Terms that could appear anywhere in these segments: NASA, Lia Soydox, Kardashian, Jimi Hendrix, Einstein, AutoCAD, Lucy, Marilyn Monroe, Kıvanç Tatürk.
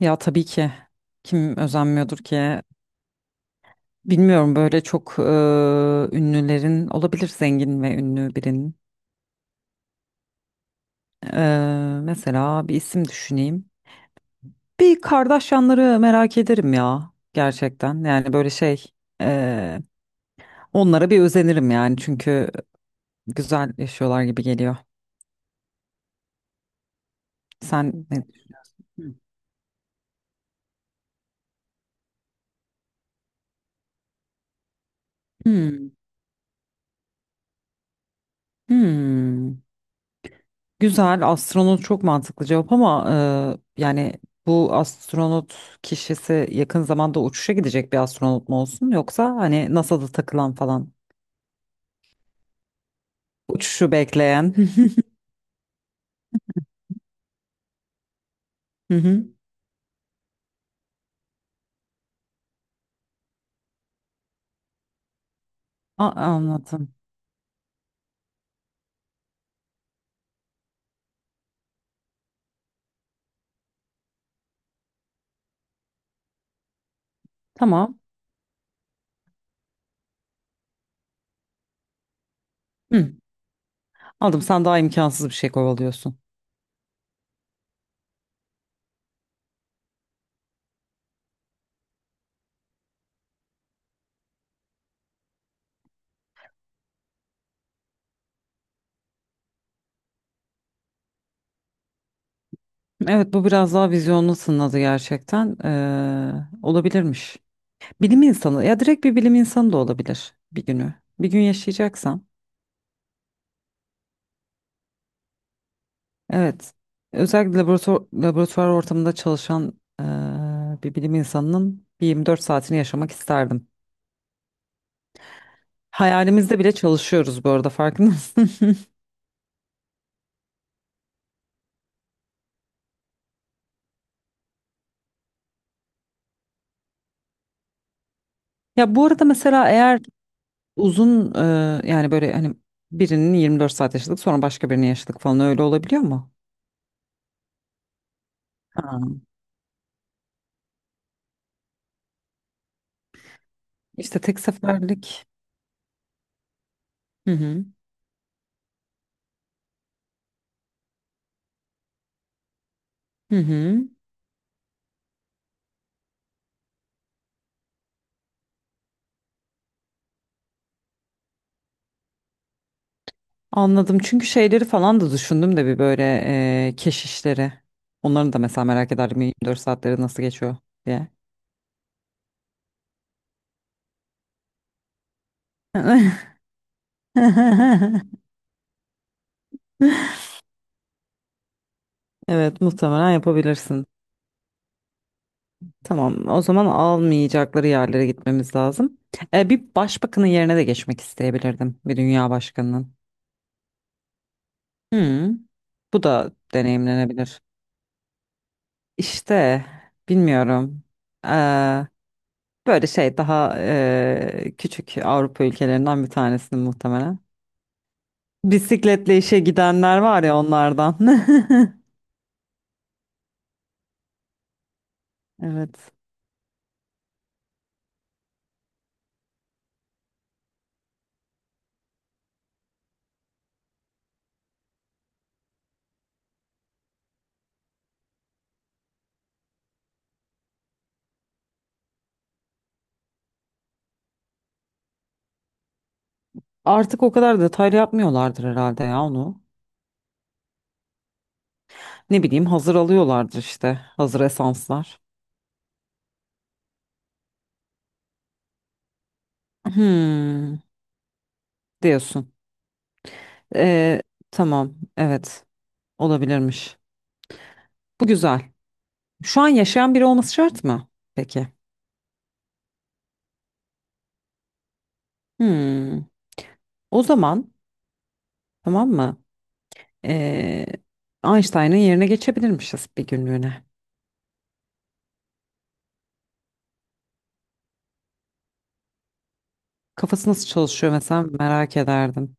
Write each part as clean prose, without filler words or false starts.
Ya tabii ki kim özenmiyordur ki? Bilmiyorum böyle çok ünlülerin olabilir zengin ve ünlü birinin. Mesela bir isim düşüneyim. Bir Kardashianları merak ederim ya gerçekten. Yani böyle şey e, onlara bir özenirim yani çünkü güzel yaşıyorlar gibi geliyor. Sen ne? Hmm. Hmm. Güzel, astronot çok mantıklı cevap ama yani bu astronot kişisi yakın zamanda uçuşa gidecek bir astronot mu olsun yoksa hani NASA'da takılan falan uçuşu bekleyen. Hı hı. Anladım. Tamam. Hı. Aldım. Sen daha imkansız bir şey kovalıyorsun. Evet bu biraz daha vizyonlu sınadı gerçekten. Olabilirmiş. Bilim insanı ya direkt bir bilim insanı da olabilir bir günü. Bir gün yaşayacaksam. Evet. Özellikle laboratuvar ortamında çalışan eee, bir bilim insanının bir 24 saatini yaşamak isterdim. Hayalimizde bile çalışıyoruz bu arada farkında mısın? Ya bu arada mesela eğer uzun yani böyle hani birinin 24 saat yaşadık sonra başka birini yaşadık falan öyle olabiliyor mu? Ha. İşte tek seferlik. Hı hı. Hı hı. Anladım. Çünkü şeyleri falan da düşündüm de bir böyle keşişleri. Onların da mesela merak ederdim 24 saatleri nasıl geçiyor diye. Evet, muhtemelen yapabilirsin. Tamam, o zaman almayacakları yerlere gitmemiz lazım. Bir başbakanın yerine de geçmek isteyebilirdim. Bir dünya başkanının. Hmm, bu da deneyimlenebilir. İşte bilmiyorum. E, Böyle şey daha küçük Avrupa ülkelerinden bir tanesinin muhtemelen. Bisikletle işe gidenler var ya onlardan. Evet. Artık o kadar detaylı yapmıyorlardır herhalde ya onu. Ne bileyim hazır alıyorlardır işte hazır esanslar. Hmm, diyorsun. Ee, tamam, evet, olabilirmiş. Bu güzel. Şu an yaşayan biri olması şart mı? Peki. Hmm, o zaman tamam mı? Ee, Einstein'ın yerine geçebilirmişiz bir günlüğüne. Kafası nasıl çalışıyor mesela merak ederdim.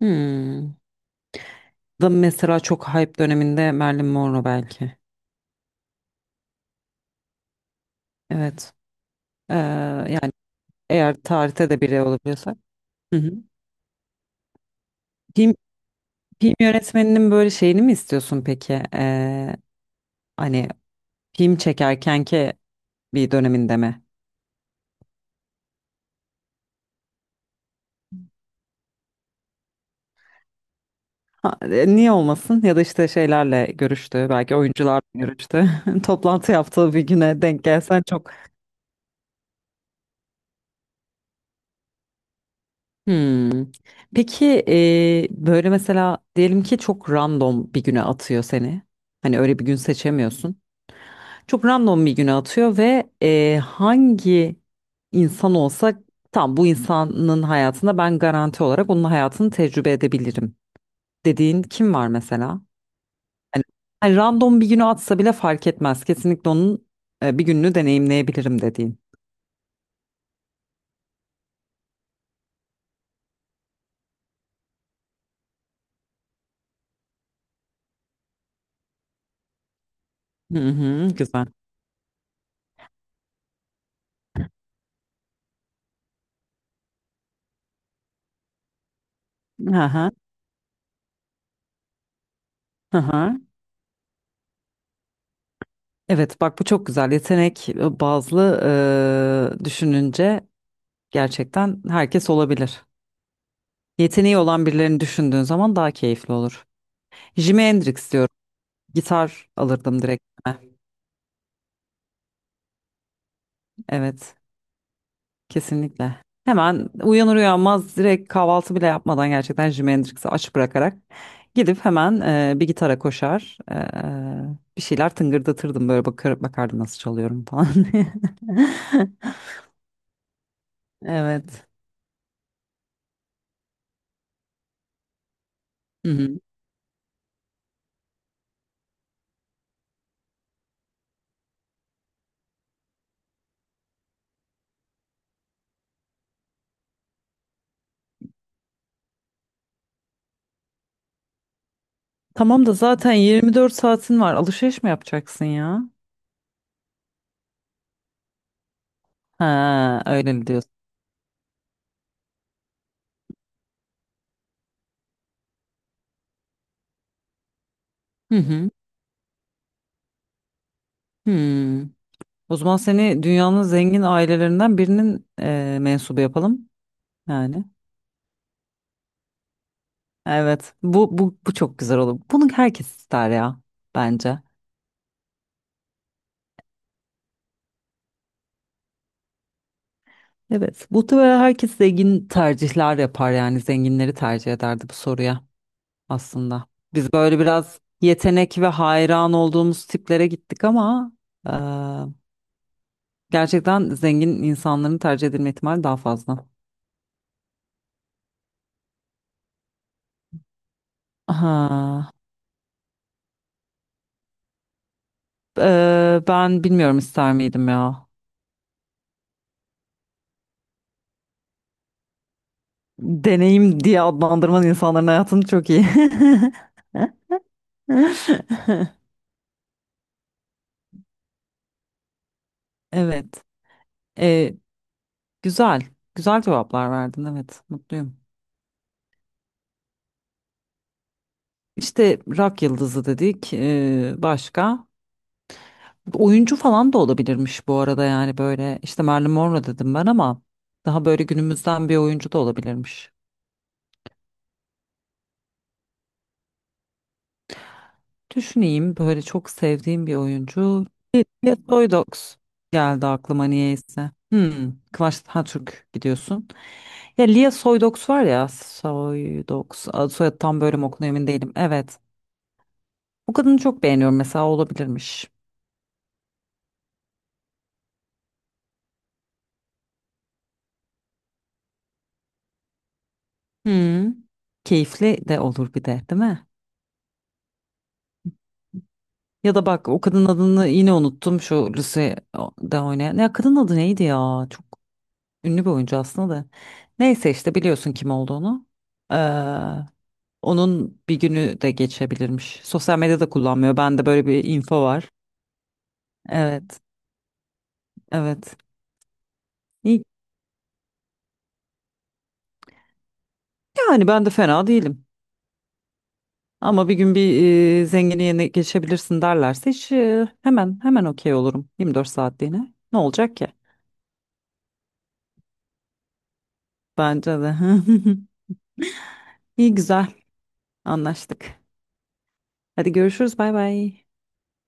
Hmm. Da mesela çok hype döneminde Marilyn Monroe belki. Evet. Yani eğer tarihte de biri olabiliyorsa. Hı hı. Film Film yönetmeninin böyle şeyini mi istiyorsun peki? Hani film çekerkenki bir döneminde mi? Ha, niye olmasın? Ya da işte şeylerle görüştü, belki oyuncularla görüştü. Toplantı yaptığı bir güne denk gelsen çok. Hmm. Peki böyle mesela diyelim ki çok random bir güne atıyor seni. Hani öyle bir gün seçemiyorsun. Çok random bir güne atıyor ve hangi insan olsa tam bu insanın hayatında ben garanti olarak onun hayatını tecrübe edebilirim dediğin kim var mesela? Hani, hani, random bir güne atsa bile fark etmez. Kesinlikle onun bir gününü deneyimleyebilirim dediğin. Hı hı, güzel. Hı hı, hı hı. Evet bak bu çok güzel yetenek bazlı, düşününce gerçekten herkes olabilir. Yeteneği olan birilerini düşündüğün zaman daha keyifli olur. Jimi Hendrix diyorum. Gitar alırdım direkt. Evet, kesinlikle. Hemen uyanır uyanmaz direkt kahvaltı bile yapmadan gerçekten Jimi Hendrix'i aç bırakarak gidip hemen bir gitara koşar, bir şeyler tıngırdatırdım, böyle bakardım nasıl çalıyorum falan. Evet. Hı hı. Tamam da zaten 24 saatin var. Alışveriş mi yapacaksın ya? Ha, öyle mi diyorsun? Hı hı. Hmm. O zaman seni dünyanın zengin ailelerinden birinin mensubu yapalım. Yani. Evet. Bu çok güzel olur. Bunu herkes ister ya. Bence. Evet. Muhtemelen herkes zengin tercihler yapar yani. Zenginleri tercih ederdi bu soruya aslında. Biz böyle biraz yetenek ve hayran olduğumuz tiplere gittik ama gerçekten zengin insanların tercih edilme ihtimali daha fazla. Ha, ben bilmiyorum ister miydim ya. Deneyim diye adlandırman insanların hayatını çok iyi. Evet. Ee, Güzel. Güzel cevaplar verdin. Evet. Mutluyum. İşte rock yıldızı dedik. Başka? Oyuncu falan da olabilirmiş bu arada yani böyle. İşte Marilyn Monroe dedim ben ama daha böyle günümüzden bir oyuncu da olabilirmiş. Düşüneyim böyle çok sevdiğim bir oyuncu. Lia Soydox geldi aklıma niyeyse. Hmm, Kıvanç Tatürk gidiyorsun. Ya Lia Soydox var ya Soydox soyadı tam böyle mi okunuyor emin değilim. Evet. O kadını çok beğeniyorum mesela, olabilirmiş. Hmm, keyifli de olur bir de değil mi? Ya da bak o kadın adını yine unuttum şu Lucy'de oynayan. Ya kadın adı neydi ya? Çok ünlü bir oyuncu aslında da. Neyse işte biliyorsun kim olduğunu. Onun bir günü de geçebilirmiş. Sosyal medyada kullanmıyor. Bende böyle bir info var. Evet, evet. İyi. Yani ben de fena değilim. Ama bir gün bir zengini yerine geçebilirsin derlerse hiç hemen hemen okey olurum. 24 saatliğine. Ne olacak ki? Bence de. İyi, güzel. Anlaştık. Hadi görüşürüz. Bay bay.